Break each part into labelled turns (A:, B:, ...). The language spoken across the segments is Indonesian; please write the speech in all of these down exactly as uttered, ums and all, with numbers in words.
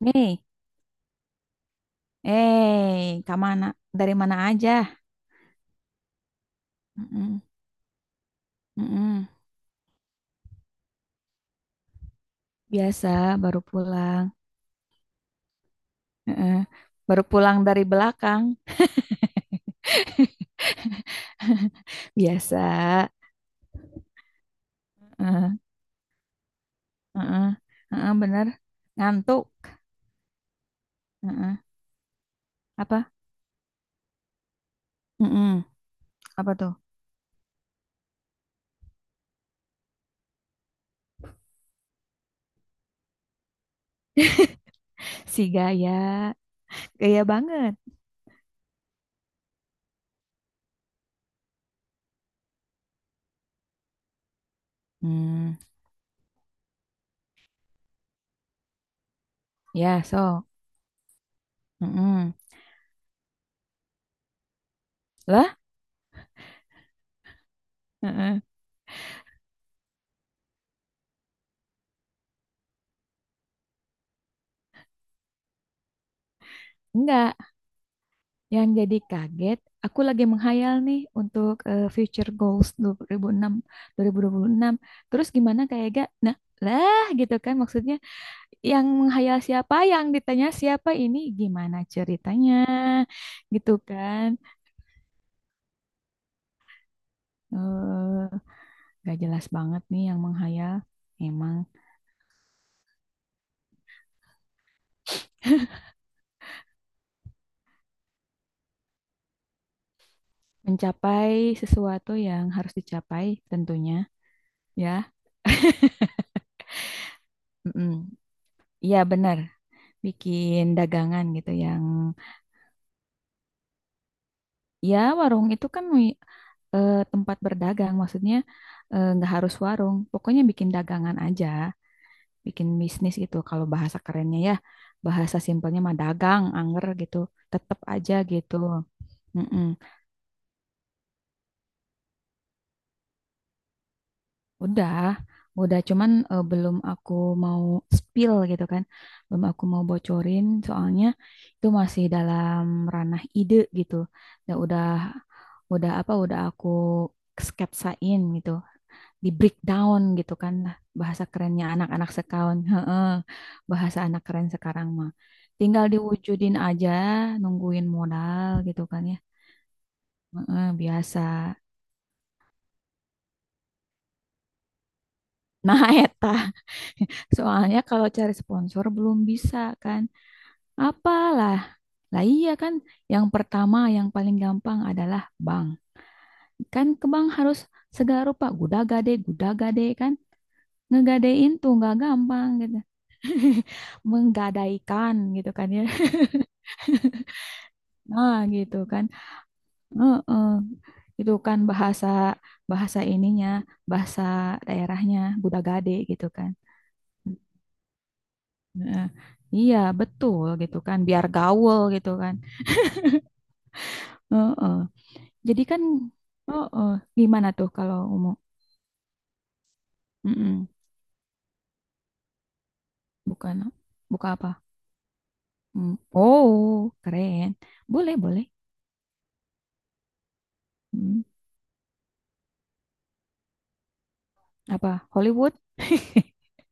A: Nih, eh, kak mana? Dari mana aja? Mm-mm, mm-mm. Biasa, baru pulang. Heeh. Baru pulang dari belakang. Biasa. Heeh, heeh, heeh, bener. Ngantuk. Heeh. Apa? Mm-mm. Apa tuh? Si gaya. Gaya banget. Hmm, ya, so. Mm-mm. Lah? Heeh. Enggak. Yang jadi kaget, aku lagi menghayal nih untuk eh, future goals dua ribu enam, dua ribu dua puluh enam. Terus gimana kayak gak? Nah, lah gitu kan maksudnya yang menghayal siapa, yang ditanya siapa ini gimana ceritanya gitu kan. Eh, gak jelas banget nih yang menghayal. Emang mencapai sesuatu yang harus dicapai tentunya ya. Mm-mm. Iya benar, bikin dagangan gitu yang ya, warung itu kan wi- eh, tempat berdagang, maksudnya eh, nggak harus warung, pokoknya bikin dagangan aja, bikin bisnis gitu. Kalau bahasa kerennya ya, bahasa simpelnya mah dagang, angger gitu, tetep aja gitu. Mm-mm. Udah, udah cuman eh, belum aku mau spill gitu kan, belum aku mau bocorin, soalnya itu masih dalam ranah ide gitu. Ya udah, udah apa, udah aku sketsain gitu. Di breakdown gitu kan lah bahasa kerennya anak-anak sekarang heeh, bahasa anak keren sekarang mah tinggal diwujudin aja nungguin modal gitu kan ya. Heeh, biasa nah eta soalnya kalau cari sponsor belum bisa kan apalah lah iya kan yang pertama yang paling gampang adalah bank. Kan ke bank harus segala rupa gudagade gudagade kan ngegadein tuh nggak gampang gitu. Menggadaikan gitu kan ya. Nah, gitu kan. Heeh. Itu kan bahasa bahasa ininya, bahasa daerahnya Budagade gitu kan. Heeh. Iya, betul gitu kan, biar gaul gitu kan. Heeh. Jadi kan heeh, gimana tuh kalau umum? Mm-mm. Bukan buka apa? Mm. Oh, keren. Boleh, boleh. Mm. Apa? Hollywood?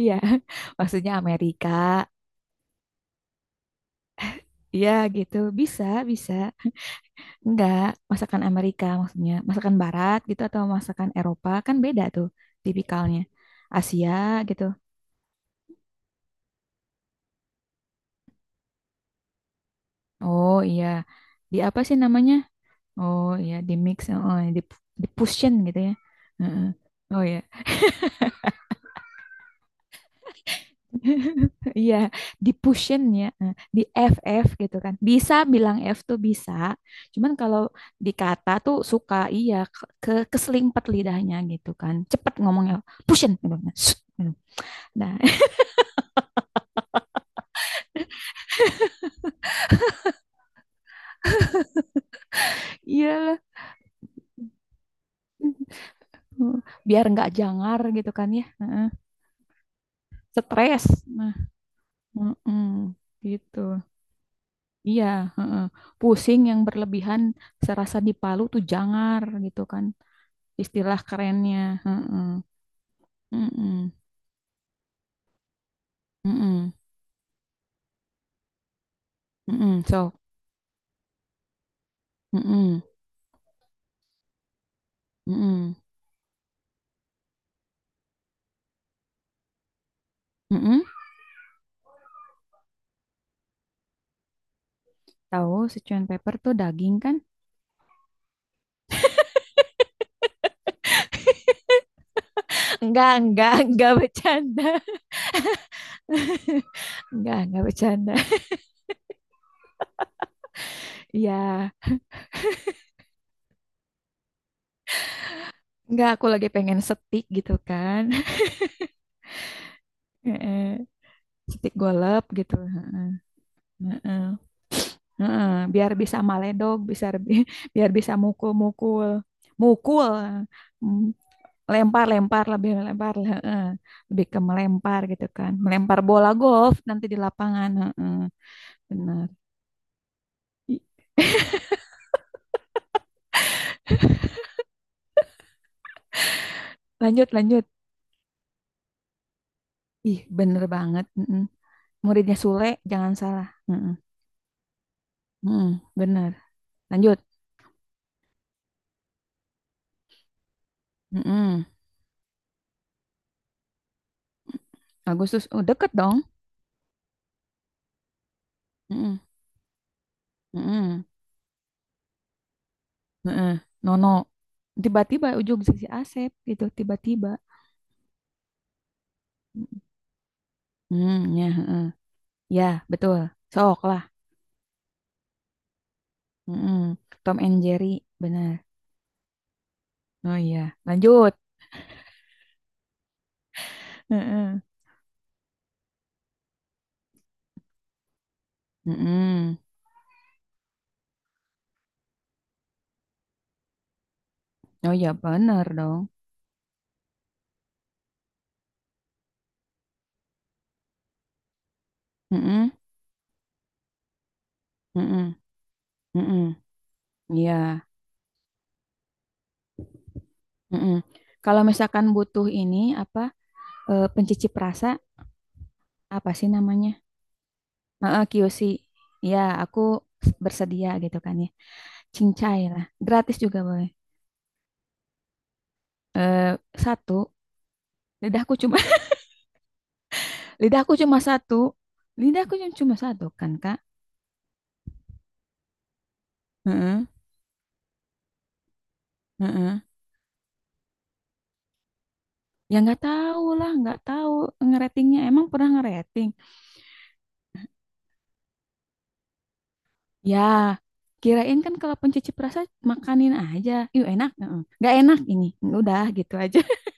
A: Iya, maksudnya Amerika. Iya, gitu. Bisa, bisa. Enggak, masakan Amerika maksudnya. Masakan Barat gitu atau masakan Eropa kan beda tuh tipikalnya. Asia gitu. Oh iya, di apa sih namanya? Oh iya, di mix, oh, di, di pushin gitu ya. Heeh. Oh iya, iya di pushin ya, eh, di f F gitu kan. Bisa bilang F tuh bisa, cuman kalau dikata tuh suka iya ke ke- keselimpet lidahnya gitu kan. Cepet ngomongnya pushin gitu. Nah, nah, iya lah. Hmm, biar nggak jangar gitu kan ya. Heeh. Stres nah mm-mm, gitu iya heeh. Pusing yang berlebihan serasa dipalu tuh jangar gitu kan istilah kerennya. Heeh. Mm-mm, mm-mm, mm-mm, Sok. Mm-mm, mm-mm, mm-mm. Tahu Sichuan pepper tuh daging kan enggak enggak enggak bercanda enggak enggak bercanda iya enggak aku lagi pengen setik gitu kan. Setik golep gitu. Heeh, heeh. Biar bisa maledog, bisa lebih- biar bisa mukul-mukul, mukul, mm, lempar-lempar lebih lempar, heeh. Lebih ke melempar gitu kan, melempar bola golf nanti di lapangan, heeh. Benar. Ih, lanjut, lanjut. Ih, bener banget. Heeh. Muridnya Sule, jangan salah. Heeh, heeh, bener. Lanjut. Heeh. Agustus, oh, deket dong. Heeh, heeh, heeh. Nono, tiba-tiba ujung si Asep gitu, tiba-tiba. Hmm, ya, heeh. Ya, betul. Sok lah. Mm-mm. Tom and Jerry, benar. Oh iya, lanjut. Heeh. Mm-mm. Oh iya, benar dong. Mm-mm. Mm-mm. Mm-mm. Iya. Mm-mm. Kalau misalkan butuh ini apa eh, pencicip rasa apa sih namanya? Heeh, Q C. Ya, aku bersedia gitu kan ya. Cincai lah. Gratis juga boleh. Eh, satu. Lidahku cuma lidahku cuma satu. Lidahku cuma satu kan, Kak? Heeh, heeh. Ya nggak tahu lah, nggak tahu ngeratingnya. Emang pernah ngerating? Ya, kirain kan kalau pencuci perasa makanin aja. Yuk enak, heeh. Nggak enak ini. Udah gitu aja.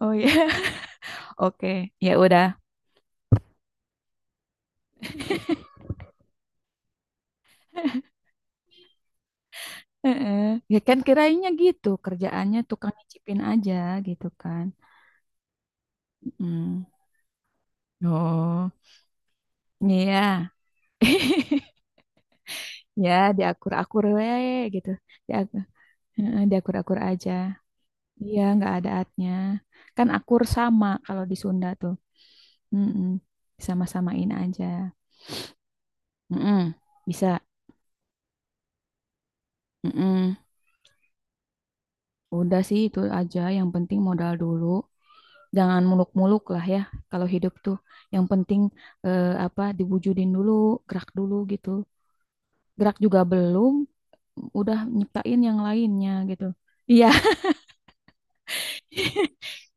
A: Oh ya, oke, ya udah. Heeh. Ya kan kirainnya gitu kerjaannya tukang nyicipin aja gitu kan. Mm. Oh, iya. Ya diakur-akur we gitu. Diak- heeh, diakur-akur aja. Iya, nggak ada atnya. Kan akur sama kalau di Sunda tuh. Mm-mm. Sama-samain aja. Mm-mm. Bisa. Mm-mm. Udah sih itu aja. Yang penting modal dulu. Jangan muluk-muluk lah ya kalau hidup tuh. Yang penting eh, apa diwujudin dulu, gerak dulu gitu. Gerak juga belum, udah nyiptain yang lainnya gitu. Iya.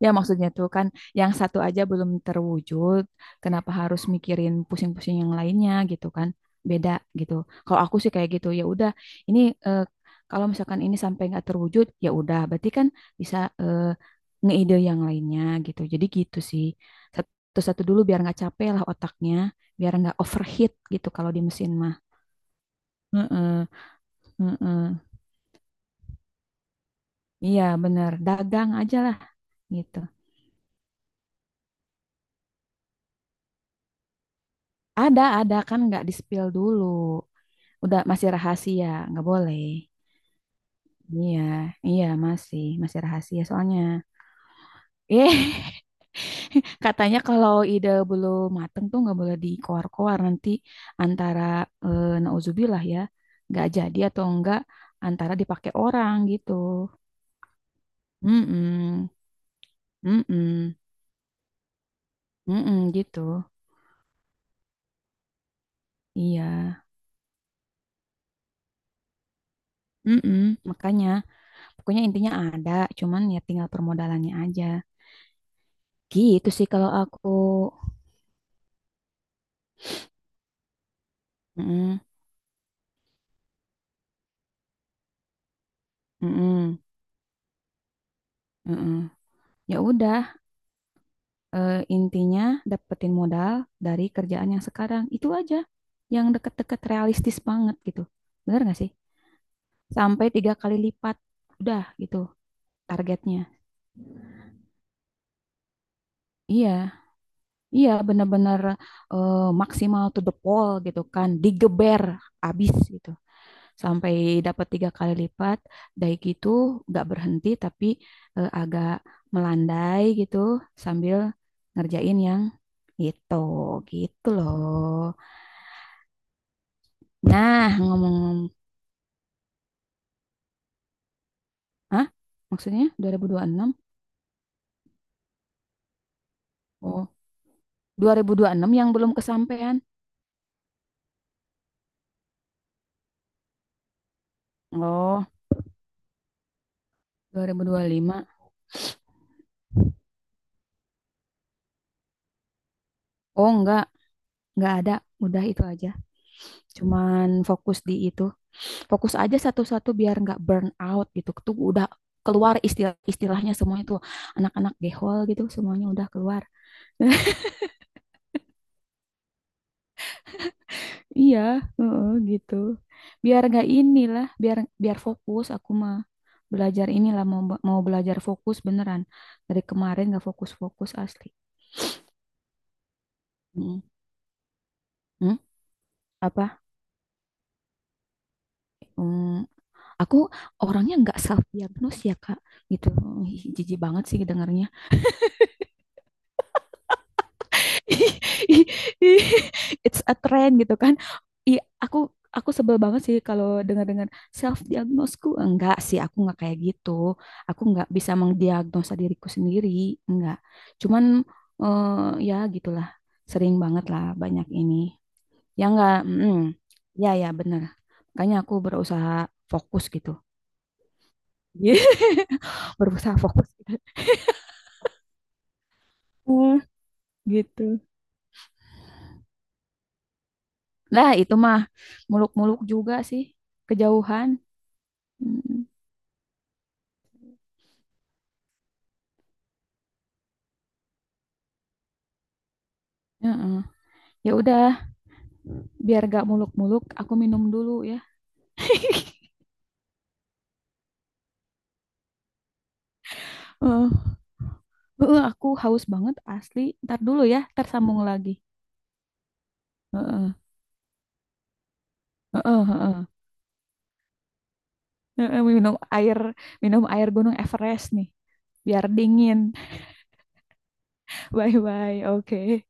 A: Ya maksudnya tuh kan yang satu aja belum terwujud, kenapa harus mikirin pusing-pusing yang lainnya gitu kan? Beda gitu. Kalau aku sih kayak gitu, ya udah ini eh, kalau misalkan ini sampai nggak terwujud, ya udah berarti kan bisa eh, ngeide yang lainnya gitu. Jadi gitu sih. Satu-satu dulu biar nggak capek lah otaknya, biar nggak overheat gitu kalau di mesin mah. Heeh, heeh. Iya bener, dagang aja lah gitu. Ada, ada kan nggak di spill dulu. Udah masih rahasia, nggak boleh. Iya, iya masih masih rahasia soalnya. Eh, katanya kalau ide belum mateng tuh nggak boleh dikoar-koar nanti antara eh, nauzubillah ya, nggak jadi atau enggak antara dipakai orang gitu. Mm-mm, mm-mm, mm-mm gitu. Iya, mm-mm, makanya pokoknya intinya ada, cuman ya tinggal permodalannya aja. Gitu sih kalau aku. Mm-mm, mm-mm, mm-mm. Ya udah, eh, intinya dapetin modal dari kerjaan yang sekarang. Itu aja. Yang deket-deket realistis banget gitu. Bener gak sih? Sampai tiga kali lipat. Udah gitu targetnya. Iya, iya bener-bener eh, maksimal to the pole gitu kan. Digeber abis gitu. Sampai dapat tiga kali lipat. Dari gitu gak berhenti tapi eh, agak melandai gitu sambil ngerjain yang itu gitu loh. Nah, ngomong, ah, maksudnya dua ribu dua puluh enam? Oh, dua ribu dua puluh enam yang belum kesampaian. Oh, dua ribu dua puluh lima. Oh, enggak, enggak ada. Udah itu aja. Cuman fokus di itu. Fokus aja satu-satu biar enggak burn out gitu. Itu udah keluar istilah istilahnya semua itu. Anak-anak gehol gitu semuanya udah keluar. Iya, heeh, gitu. Biar gak inilah, biar biar fokus aku mah belajar inilah mau be- mau belajar fokus beneran. Dari kemarin gak fokus-fokus asli. Mm. Hmm? Apa? Hmm, aku orangnya nggak self diagnose ya Kak, gitu. Ih, jijik banget sih dengarnya. It's a trend gitu kan. I aku aku sebel banget sih kalau dengar-dengar self diagnosku. Enggak sih, aku nggak kayak gitu. Aku nggak bisa mengdiagnosa diriku sendiri, enggak. Cuman eh, ya gitulah. Sering banget lah banyak ini. Ya enggak, mm, ya ya benar. Makanya aku berusaha fokus gitu. Berusaha fokus gitu. Hmm, gitu. Lah itu mah muluk-muluk juga sih kejauhan. Mm. Heeh. Ya udah, biar gak muluk-muluk, aku minum dulu ya. Heeh. Heeh, aku haus banget asli. Ntar dulu ya, ntar sambung lagi. Heeh. Heeh, heeh. Heeh, minum air, minum air Gunung Everest nih, biar dingin. Bye bye. Oke.